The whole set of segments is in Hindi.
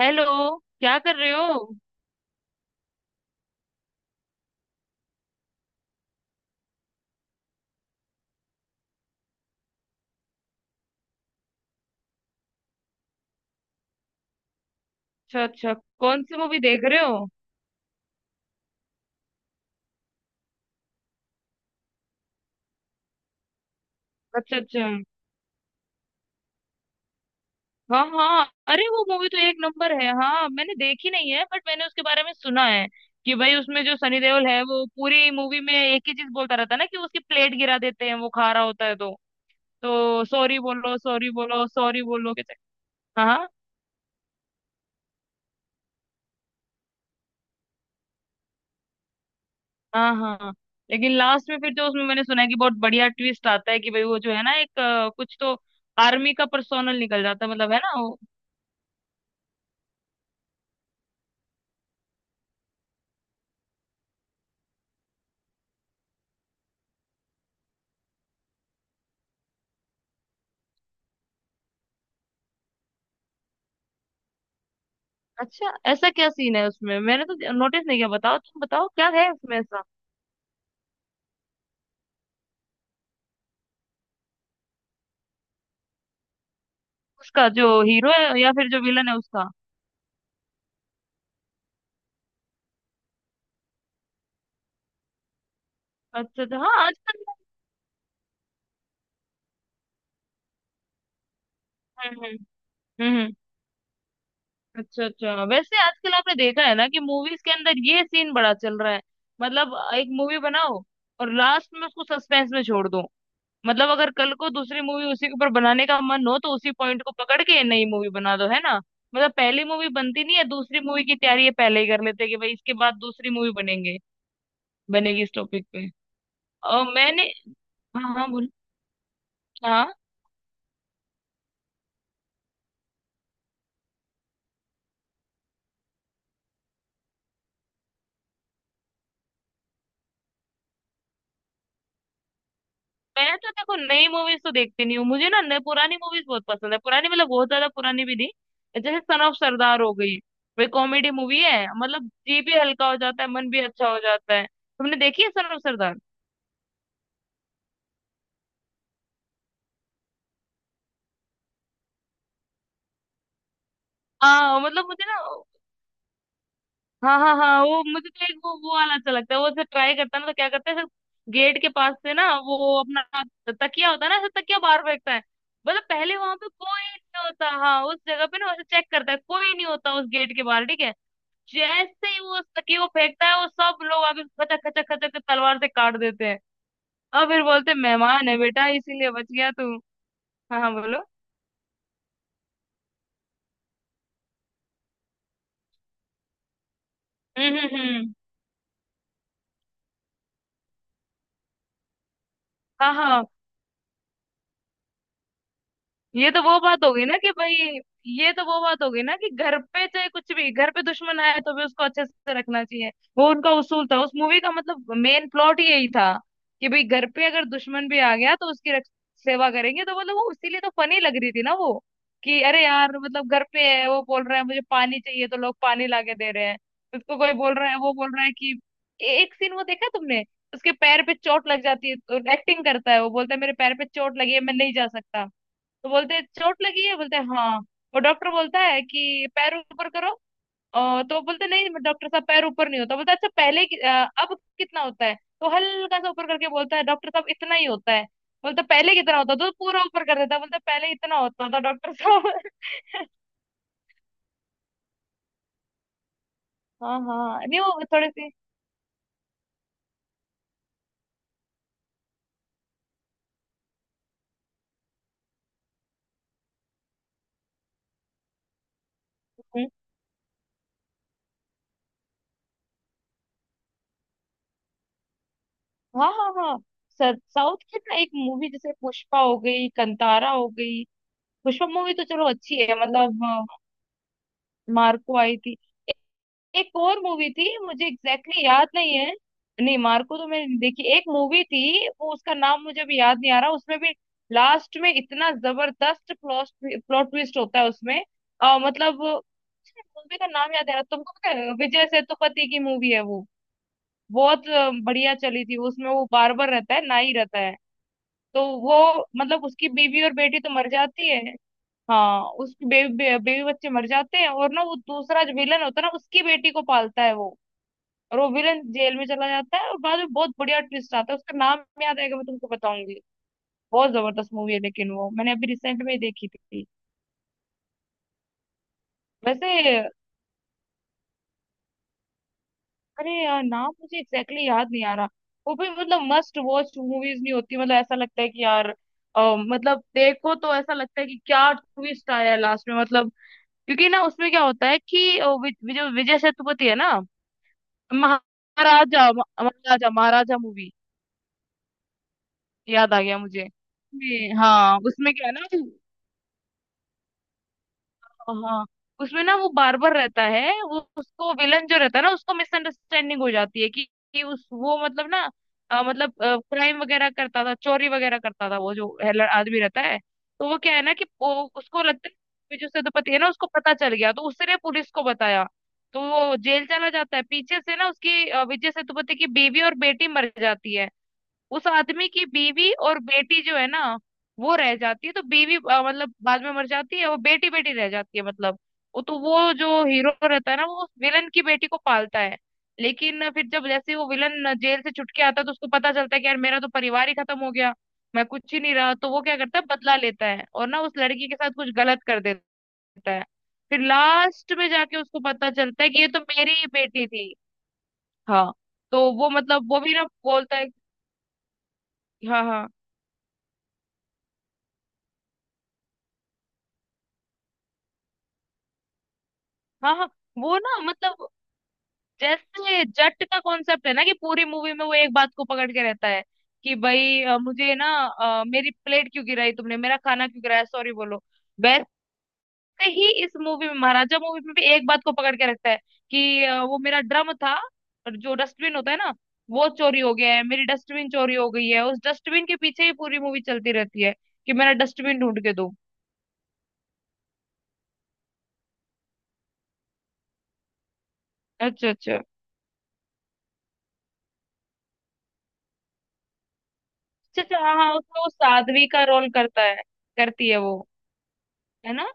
हेलो। क्या कर रहे हो? अच्छा अच्छा। कौन सी मूवी देख रहे हो? अच्छा अच्छा। हाँ हाँ, अरे वो मूवी तो एक नंबर है। हाँ, मैंने देखी नहीं है बट मैंने उसके बारे में सुना है कि भाई उसमें जो सनी देओल है वो पूरी मूवी में एक ही चीज बोलता रहता है ना कि उसकी प्लेट गिरा देते हैं वो खा रहा होता है तो सॉरी बोलो, सॉरी बोलो, सॉरी बोलो कहते। हाँ हाँ हाँ हाँ। लेकिन लास्ट में फिर जो उसमें मैंने सुना है कि बहुत बढ़िया ट्विस्ट आता है कि भाई वो जो है ना एक कुछ तो आर्मी का पर्सोनल निकल जाता है, मतलब है ना। अच्छा, ऐसा क्या सीन है उसमें? मैंने तो नोटिस नहीं किया। बताओ, तुम बताओ क्या है उसमें ऐसा। उसका जो हीरो है या फिर जो विलन है उसका? अच्छा अच्छा, हाँ। आजकल हम्म। हम्म, हम्म। अच्छा अच्छा, वैसे आजकल आपने देखा है ना कि मूवीज के अंदर ये सीन बड़ा चल रहा है। मतलब एक मूवी बनाओ और लास्ट में उसको सस्पेंस में छोड़ दो। मतलब अगर कल को दूसरी मूवी उसी के ऊपर बनाने का मन हो तो उसी पॉइंट को पकड़ के नई मूवी बना दो, है ना। मतलब पहली मूवी बनती नहीं है, दूसरी मूवी की तैयारी ये पहले ही कर लेते हैं कि भाई इसके बाद दूसरी मूवी बनेंगे, बनेगी इस टॉपिक पे। और मैंने हाँ हाँ बोल। हाँ, मैं तो देखो नई मूवीज तो देखती नहीं हूँ। मुझे ना नई पुरानी मूवीज बहुत पसंद है। पुरानी मतलब बहुत ज्यादा पुरानी भी नहीं, जैसे सन ऑफ सरदार हो गई। वे कॉमेडी मूवी है, मतलब जी भी हल्का हो जाता है, मन भी अच्छा हो जाता है। तुमने देखी है सन ऑफ सरदार? हाँ, मतलब मुझे ना। हाँ हाँ हाँ, वो मुझे तो एक वो वाला अच्छा लगता है। वो ऐसे ट्राई करता है ना, तो क्या करता है, गेट के पास से ना, वो अपना तकिया होता है ना, ऐसे तकिया बाहर फेंकता है। मतलब पहले वहां पे कोई नहीं होता, हाँ उस जगह पे ना, उसे चेक करता है कोई नहीं होता उस गेट के बाहर, ठीक है। जैसे ही वो उस तकिए को फेंकता है वो सब लोग आके खचक खचक खचक के तलवार से काट देते हैं और फिर बोलते हैं, मेहमान है बेटा इसीलिए बच गया तू। हाँ हाँ बोलो। हम्म। हाँ हाँ। ये तो वो बात होगी ना कि भाई ये तो वो बात होगी ना कि घर पे चाहे कुछ भी, घर पे दुश्मन आए तो भी उसको अच्छे से रखना चाहिए। वो उनका उसूल था उस मूवी का, मतलब मेन प्लॉट ही यही था कि भाई घर पे अगर दुश्मन भी आ गया तो उसकी सेवा करेंगे, तो मतलब वो इसीलिए तो फनी लग रही थी ना वो, कि अरे यार, मतलब घर पे है, वो बोल रहा है मुझे पानी चाहिए तो लोग पानी लाके दे रहे हैं। उसको कोई बोल रहा है, वो बोल रहा है कि एक सीन वो देखा तुमने? उसके पैर पे चोट लग जाती है, एक्टिंग करता है, वो बोलता है मेरे पैर पे चोट लगी है मैं नहीं जा सकता। तो बोलते हैं, चोट लगी है? बोलते हैं, हाँ। और डॉक्टर बोलता है कि पैर ऊपर करो। तो बोलते नहीं डॉक्टर साहब पैर ऊपर नहीं होता, बोलता अच्छा पहले अब कितना होता है। तो हल्का सा ऊपर करके बोलता है डॉक्टर साहब इतना ही होता है। बोलता पहले कितना होता था, तो पूरा ऊपर कर देता है। बोलता पहले इतना होता था डॉक्टर साहब। हाँ हाँ, नहीं वो थोड़े से। हम्म, हाँ हाँ हाँ सर। साउथ की ना एक मूवी, जैसे पुष्पा हो गई, कंतारा हो गई। पुष्पा मूवी तो चलो अच्छी है, मतलब मार्को आई थी। एक और मूवी थी, मुझे एग्जैक्टली exactly याद नहीं है। नहीं, मार्को तो मैंने नहीं देखी। एक मूवी थी वो, उसका नाम मुझे अभी याद नहीं आ रहा, उसमें भी लास्ट में इतना जबरदस्त प्लॉट प्लॉट ट्विस्ट होता है उसमें। मतलब मूवी का नाम याद आ रहा, तुमको पता है विजय सेतुपति की मूवी है वो। बहुत बढ़िया चली थी वो, उसमें वो बार्बर रहता है, नाई रहता है। तो वो, मतलब उसकी बीवी और बेटी तो मर जाती है। हाँ, उसके बेबी बेबी बच्चे मर जाते हैं और ना, वो दूसरा जो विलन होता है ना उसकी बेटी को पालता है वो, रोविलन जेल में चला जाता है और बाद में बहुत बढ़िया ट्विस्ट आता है। उसका नाम याद आएगा, मैं तुमको बताऊंगी, बहुत जबरदस्त मूवी है, लेकिन वो मैंने अभी रिसेंट में ही देखी थी। वैसे अरे यार, नाम मुझे एग्जैक्टली exactly याद नहीं आ रहा। वो भी मतलब मस्ट वॉच मूवीज नहीं होती, मतलब ऐसा लगता है कि यार मतलब देखो तो ऐसा लगता है कि क्या ट्विस्ट आया लास्ट में, मतलब क्योंकि ना उसमें क्या होता है कि अ, वि- वि- जो विजय सेतुपति है ना। महाराजा, महाराजा, महाराजा मूवी, याद आ गया मुझे हाँ, उसमें क्या है ना, हाँ उसमें ना वो बार्बर रहता है, वो उसको विलन जो रहता है ना उसको मिसअंडरस्टैंडिंग हो जाती है कि उस वो मतलब ना, मतलब क्राइम वगैरह करता था, चोरी वगैरह करता था, वो जो है आदमी रहता है। तो वो क्या है ना कि वो, उसको लगता है कि जो सेनापति है ना उसको पता चल गया, तो उसने पुलिस को बताया। तो वो जेल चला जाता है, पीछे से ना उसकी विजय सेतुपति की बीवी और बेटी मर जाती है। उस आदमी की बीवी और बेटी जो है ना वो रह जाती है। तो बीवी मतलब बाद में मर जाती है, वो बेटी बेटी रह जाती है, मतलब वो, तो वो जो हीरो रहता है ना वो विलन की बेटी को पालता है। लेकिन फिर जब जैसे वो विलन जेल से छुटके आता है तो उसको पता चलता है कि यार मेरा तो परिवार ही खत्म हो गया, मैं कुछ ही नहीं रहा, तो वो क्या करता है बदला लेता है और ना उस लड़की के साथ कुछ गलत कर देता है। फिर लास्ट में जाके उसको पता चलता है कि ये तो मेरी ही बेटी थी। हाँ, तो वो मतलब वो भी ना बोलता है। हाँ हाँ हाँ हाँ। वो ना, मतलब जैसे जट का कॉन्सेप्ट है ना कि पूरी मूवी में वो एक बात को पकड़ के रहता है कि भाई मुझे ना मेरी प्लेट क्यों गिराई तुमने, मेरा खाना क्यों गिराया, सॉरी बोलो। वैसे ही इस मूवी में, महाराजा मूवी में भी एक बात को पकड़ के रखता है कि वो मेरा ड्रम था, और जो डस्टबिन होता है ना वो चोरी हो गया है, मेरी डस्टबिन चोरी हो गई है, उस डस्टबिन के पीछे ही पूरी मूवी चलती रहती है कि मेरा डस्टबिन ढूंढ के दो। अच्छा अच्छा, अच्छा अच्छा, हाँ हाँ, उसमें वो साध्वी का रोल करता है, करती है वो, है ना।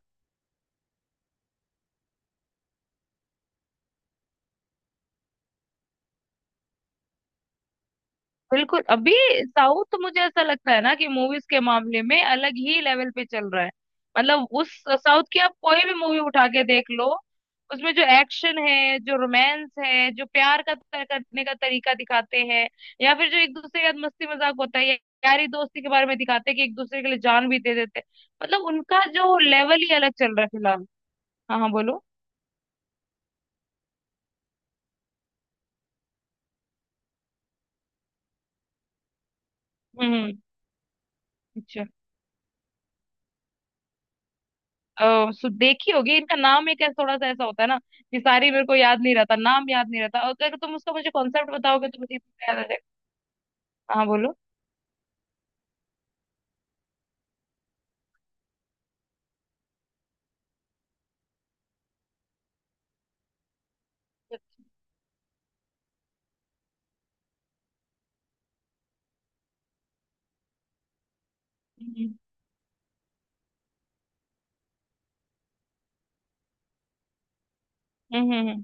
बिल्कुल, अभी साउथ मुझे ऐसा लगता है ना कि मूवीज के मामले में अलग ही लेवल पे चल रहा है। मतलब उस साउथ की आप कोई भी मूवी उठा के देख लो, उसमें जो एक्शन है, जो रोमांस है, जो प्यार का करने का तरीका दिखाते हैं, या फिर जो एक दूसरे के साथ मस्ती मजाक होता है, या यारी दोस्ती के बारे में दिखाते हैं कि एक दूसरे के लिए जान भी दे देते हैं, मतलब उनका जो लेवल ही अलग चल रहा है फिलहाल। हाँ हाँ बोलो। हम्म हम्म, अच्छा। अ, देखी होगी, इनका नाम एक ऐसा थोड़ा सा ऐसा होता है ना कि सारी मेरे को याद नहीं रहता, नाम याद नहीं रहता, अगर तुम उसका मुझे कॉन्सेप्ट बताओगे तो मुझे इतना याद आ जाएगा। हाँ बोलो। हम्म हम्म।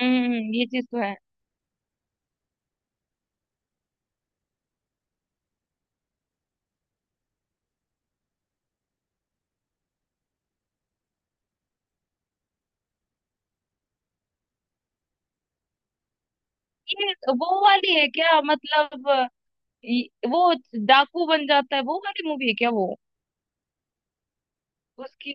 ये चीज तो है। ये वो वाली है क्या, मतलब वो डाकू बन जाता है वो वाली मूवी है क्या वो? उसकी।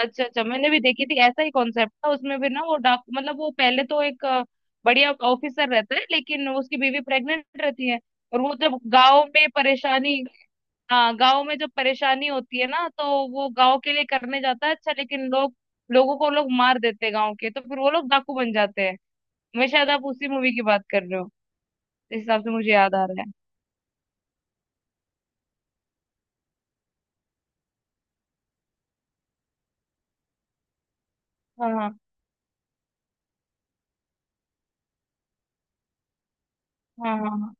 अच्छा अच्छा, मैंने भी देखी थी, ऐसा ही कॉन्सेप्ट था उसमें भी ना, वो डाकू मतलब वो पहले तो एक बढ़िया ऑफिसर रहता है लेकिन उसकी बीवी प्रेग्नेंट रहती है। और वो जब गांव में परेशानी, हाँ गांव में जब परेशानी होती है ना तो वो गांव के लिए करने जाता है, अच्छा, लेकिन लोग, लोगों को लोग मार देते हैं गांव के, तो फिर वो लोग डाकू बन जाते हैं। मैं शायद, आप उसी मूवी की बात कर रहे हो, इस हिसाब से मुझे याद आ रहा है। हाँ हाँ हाँ हाँ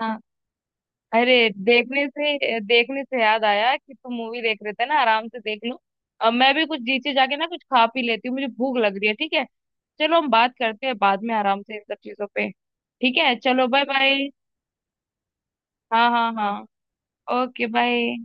हाँ हाँ। अरे देखने से याद आया कि तुम मूवी देख रहे थे ना, आराम से देख लो। अब मैं भी कुछ नीचे जाके ना कुछ खा पी लेती हूँ, मुझे भूख लग रही है, ठीक है। चलो, हम बात करते हैं बाद में आराम से इन सब चीजों पे, ठीक है, चलो बाय बाय। हाँ हाँ हाँ। Okay bye.